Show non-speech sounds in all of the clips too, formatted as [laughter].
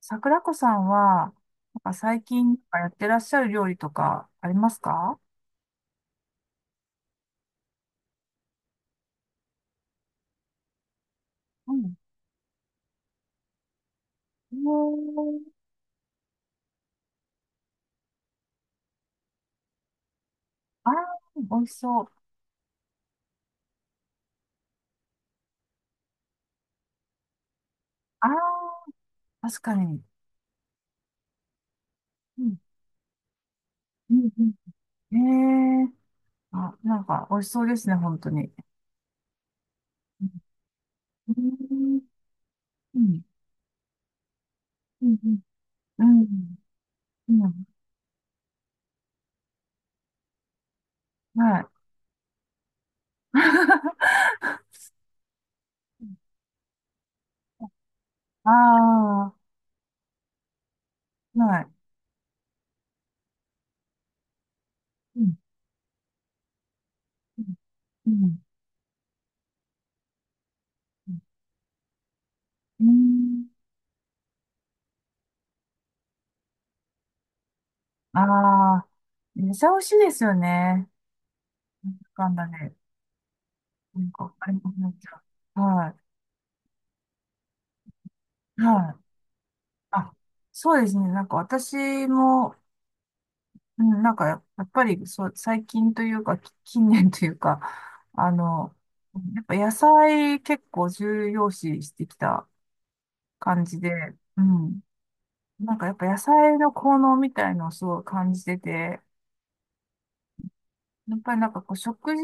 桜子さんは、なんか最近なんかやってらっしゃる料理とかありますか？うん。おー、あー、美味しそう。あー、確かに。うん、うん、うん。えー、あ、なんか美味しそうですね、本当に。うん、うん、うん、うん、うん、うん。はい。[laughs] ああ、はい。うん、うん、うん。ああー、めっちゃ美味しいですよね。なんだかんだね、なんか、あれもなんか、はい、はい。あ、そうですね。なんか私も、うん、なんかやっぱりそう、最近というか、近年というか、[laughs] あの、やっぱ野菜結構重要視してきた感じで、うん。なんかやっぱ野菜の効能みたいのをすごい感じてて、やっぱりなんかこう食事、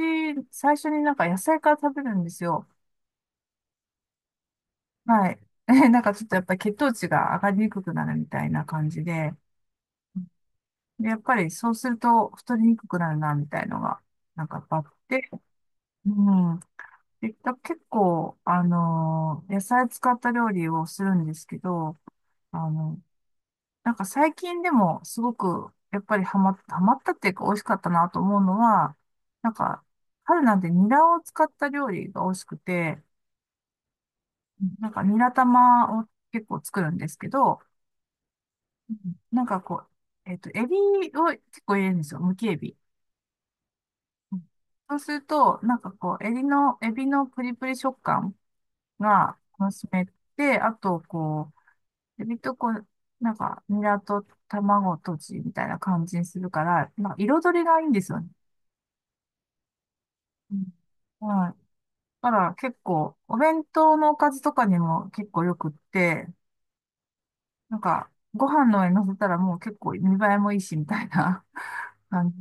最初になんか野菜から食べるんですよ。はい。[laughs] なんかちょっとやっぱり血糖値が上がりにくくなるみたいな感じで、で、やっぱりそうすると太りにくくなるな、みたいのが、なんかやっぱあって、うん。で、結構、野菜使った料理をするんですけど、あの、なんか最近でもすごく、やっぱりハマったっていうか美味しかったなと思うのは、なんか、春なんてニラを使った料理が美味しくて、なんかニラ玉を結構作るんですけど、うん、なんかこう、エビを結構入れるんですよ。むきエビ。そうすると、なんかこう、エビのプリプリ食感が楽しめて、あと、こう、エビとこう、なんか、ニラと卵とじみたいな感じにするから、なんか彩りがいいんですよね。うん、はい。だから結構、お弁当のおかずとかにも結構よくって、なんか、ご飯の上に乗せたらもう結構見栄えもいいし、みたいな [laughs] 感じ。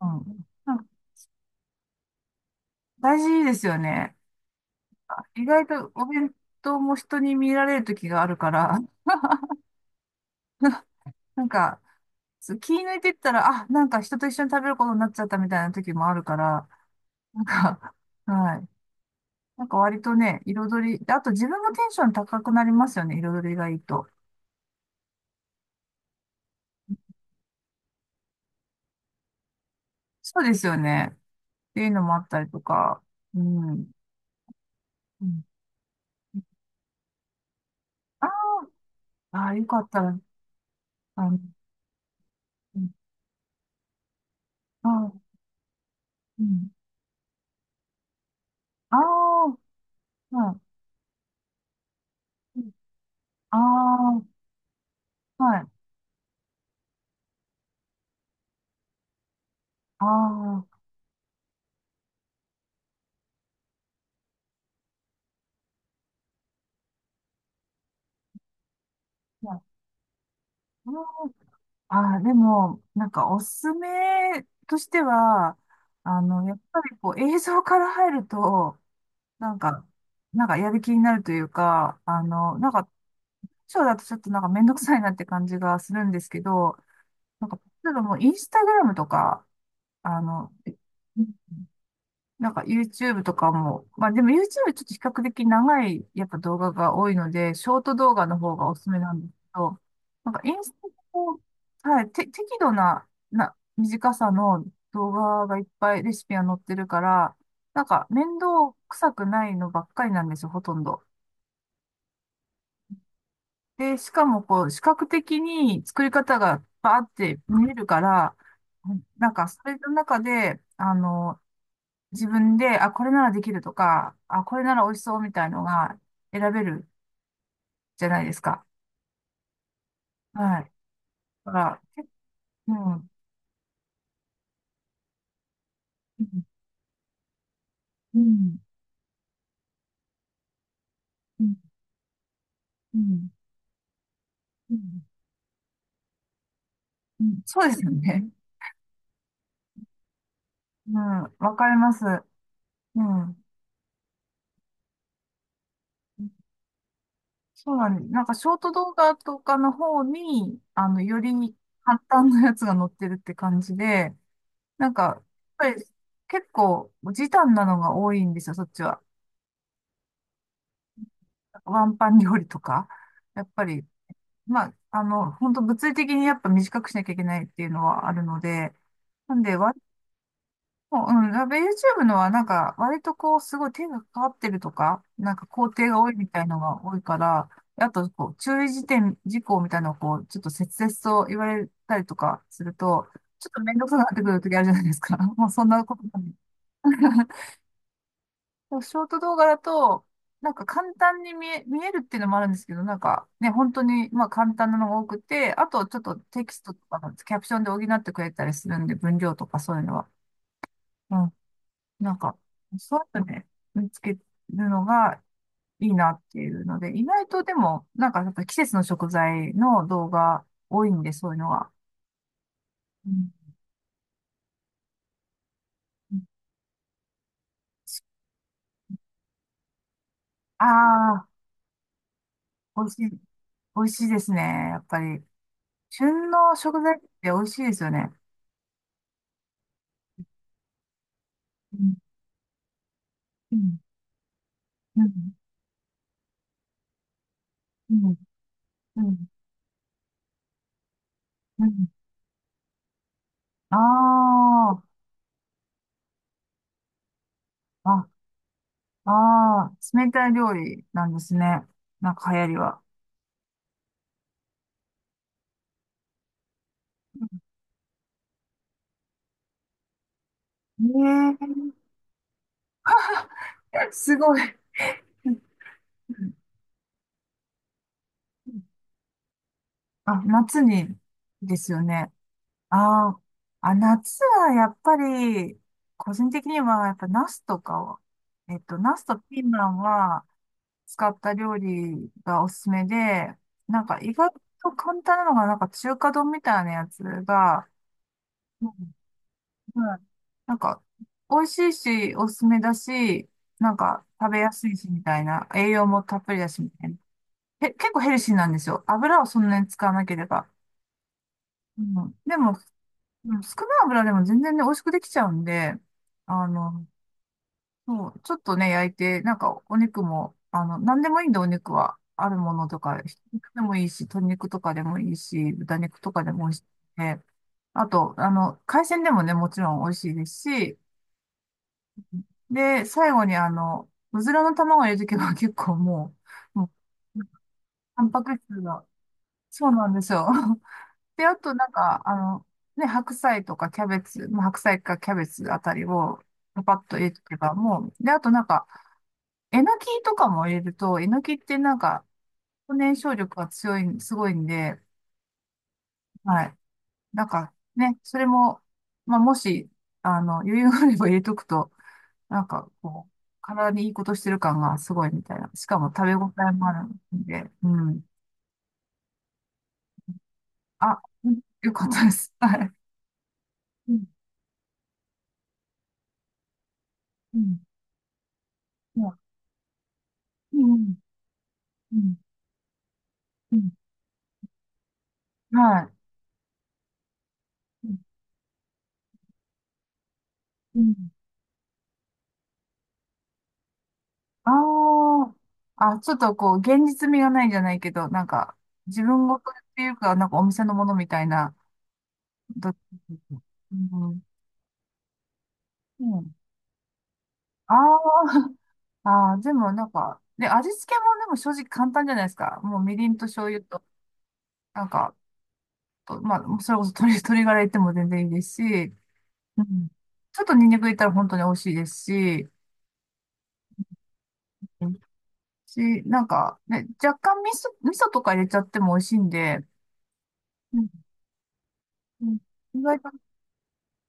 うん。なんか大事ですよね。意外とお弁当も人に見られる時があるから、[laughs] なんか、そう気抜いてったら、あ、なんか人と一緒に食べることになっちゃったみたいな時もあるから、なんか、[laughs] はい。なんか割とね、彩り、であと自分もテンション高くなりますよね、彩りがいいと。そうですよね。っていうのもあったりとか、うん。うん、ああ、ああ、よかったら、あの、うん、ああ、うん。ああ、はい。ああ、はい。ああ、はい。ああああ、でも、なんかおすすめとしては、あの、やっぱりこう映像から入ると、なんか、なんかやる気になるというか、あの、なんか、ショーだとちょっとなんかめんどくさいなって感じがするんですけど、なんか、例えばもうインスタグラムとか、あの、なんか YouTube とかも、まあでも YouTube ちょっと比較的長いやっぱ動画が多いので、ショート動画の方がおすすめなんですけど、なんかインスタも、はい、て、適度な、短さの動画がいっぱいレシピが載ってるから、なんか面倒くさくないのばっかりなんですよ、ほとんど。で、しかもこう、視覚的に作り方がバーって見えるから、なんかそれの中で、あの、自分で、あ、これならできるとか、あ、これなら美味しそうみたいのが選べるじゃないですか。はい。だから、結構、うん、うん、うん、うん、うん。そうですよね。うん、わかります。うん。そうなんです。なんか、ショート動画とかの方に、あの、より簡単なやつが載ってるって感じで、なんか、やっぱり結構、時短なのが多いんですよ、そっちは。ワンパン料理とか。やっぱり、まあ、あの、本当物理的にやっぱ短くしなきゃいけないっていうのはあるので、なんで、割と、うん、やっぱ YouTube のはなんか、割とこう、すごい手がかかってるとか、なんか工程が多いみたいのが多いから、あと、こう、注意事項みたいなのをこう、ちょっと切々と言われたりとかすると、ちょっと面倒くさくなってくる時あるじゃないですか。[laughs] もうそんなことない。[laughs] でもショート動画だと、なんか簡単に見えるっていうのもあるんですけど、なんかね、本当にまあ簡単なのが多くて、あとちょっとテキストとかのキャプションで補ってくれたりするんで、文量とかそういうのは。うん。なんか、そうやってね、見つけるのがいいなっていうので、意外とでも、なんかやっぱ季節の食材の動画多いんで、そういうのは。うん、ああ、美味しい、美味しいですね。やっぱり、旬の食材って美味しいですよね。うん、うん、うん、うん、うん。ああ、あ、ああ、冷たい料理なんですね。なんか流行りは。ええ、すごい。[laughs] あ、夏にですよね。あー、あ、夏はやっぱり、個人的にはやっぱナスとかを、ナスとピーマンは使った料理がおすすめで、なんか意外と簡単なのが、なんか中華丼みたいなやつが、うん。なんか、美味しいし、おすすめだし、なんか、食べやすいし、みたいな。栄養もたっぷりだし、みたいな。結構ヘルシーなんですよ。油をそんなに使わなければ。うん。でも、うん、少ない油でも全然ね、美味しくできちゃうんで、あの、そう、ちょっとね、焼いて、なんか、お肉も、あの、なんでもいいんで、お肉は。あるものとか、ひき肉でもいいし、鶏肉とかでもいいし、豚肉とかでも美味しいしね。あと、あの、海鮮でもね、もちろん美味しいですし、で、最後にあの、うずらの卵を入れとけば [laughs] 結構もう、タンパク質が、そうなんですよ。[laughs] で、あとなんか、あの、ね、白菜とかキャベツ、まあ、白菜かキャベツあたりをパパッと入れとけばもう、で、あとなんか、えのきとかも入れると、えのきってなんか、燃焼力が強い、すごいんで、はい。なんかね、それも、まあ、もし、あの、余裕があれば入れとくと、なんか、こう、体にいいことしてる感がすごいみたいな。しかも食べ応えもあるんで、うん。あ、うん、よかったです。はい。うん、うん、うん、うん、うん、はい。うん、うん、ああ、あ、ちょっとこう、現実味がないじゃないけど、なんか、自分ごとっていうか、なんかお店のものみたいな、どっちも。うん、うん。ああ、[laughs] ああ、でもなんか、で、味付けもでも正直簡単じゃないですか。もうみりんと醤油と、なんか、と、まあ、それこそ鶏ガラ入っても全然いいですし、うん。ちょっとニンニク入れたら本当に美味しいですし、し、なんか、ね、若干味噌とか入れちゃっても美味しいんで、うん、うん、意外と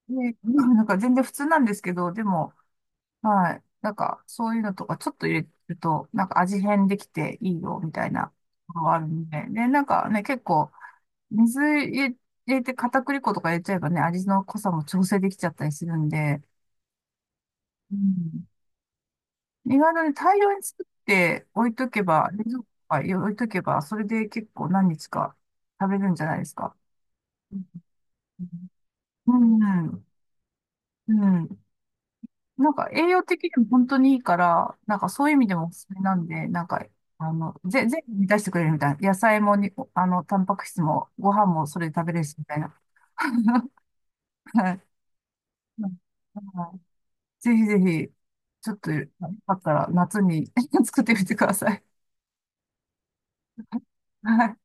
ね、[laughs] うん、なんか全然普通なんですけど、でも、はい。なんか、そういうのとかちょっと入れると、なんか味変できていいよ、みたいなのがあるんで。で、なんかね、結構、水入れて片栗粉とか入れちゃえばね、味の濃さも調整できちゃったりするんで、うん、意外とね、大量に作って置いとけば、冷蔵庫に置いとけば、それで結構何日か食べるんじゃないですか。うん、うん。うん、なんか栄養的にも本当にいいから、なんかそういう意味でもおすすめなんで、なんか、あの、全部満たしてくれるみたいな。野菜もに、あの、タンパク質も、ご飯もそれで食べれるし、みたいな。[laughs] はい。うん、はい、ぜひぜひ、ちょっと、よかったら夏に [laughs] 作ってみてください。はい。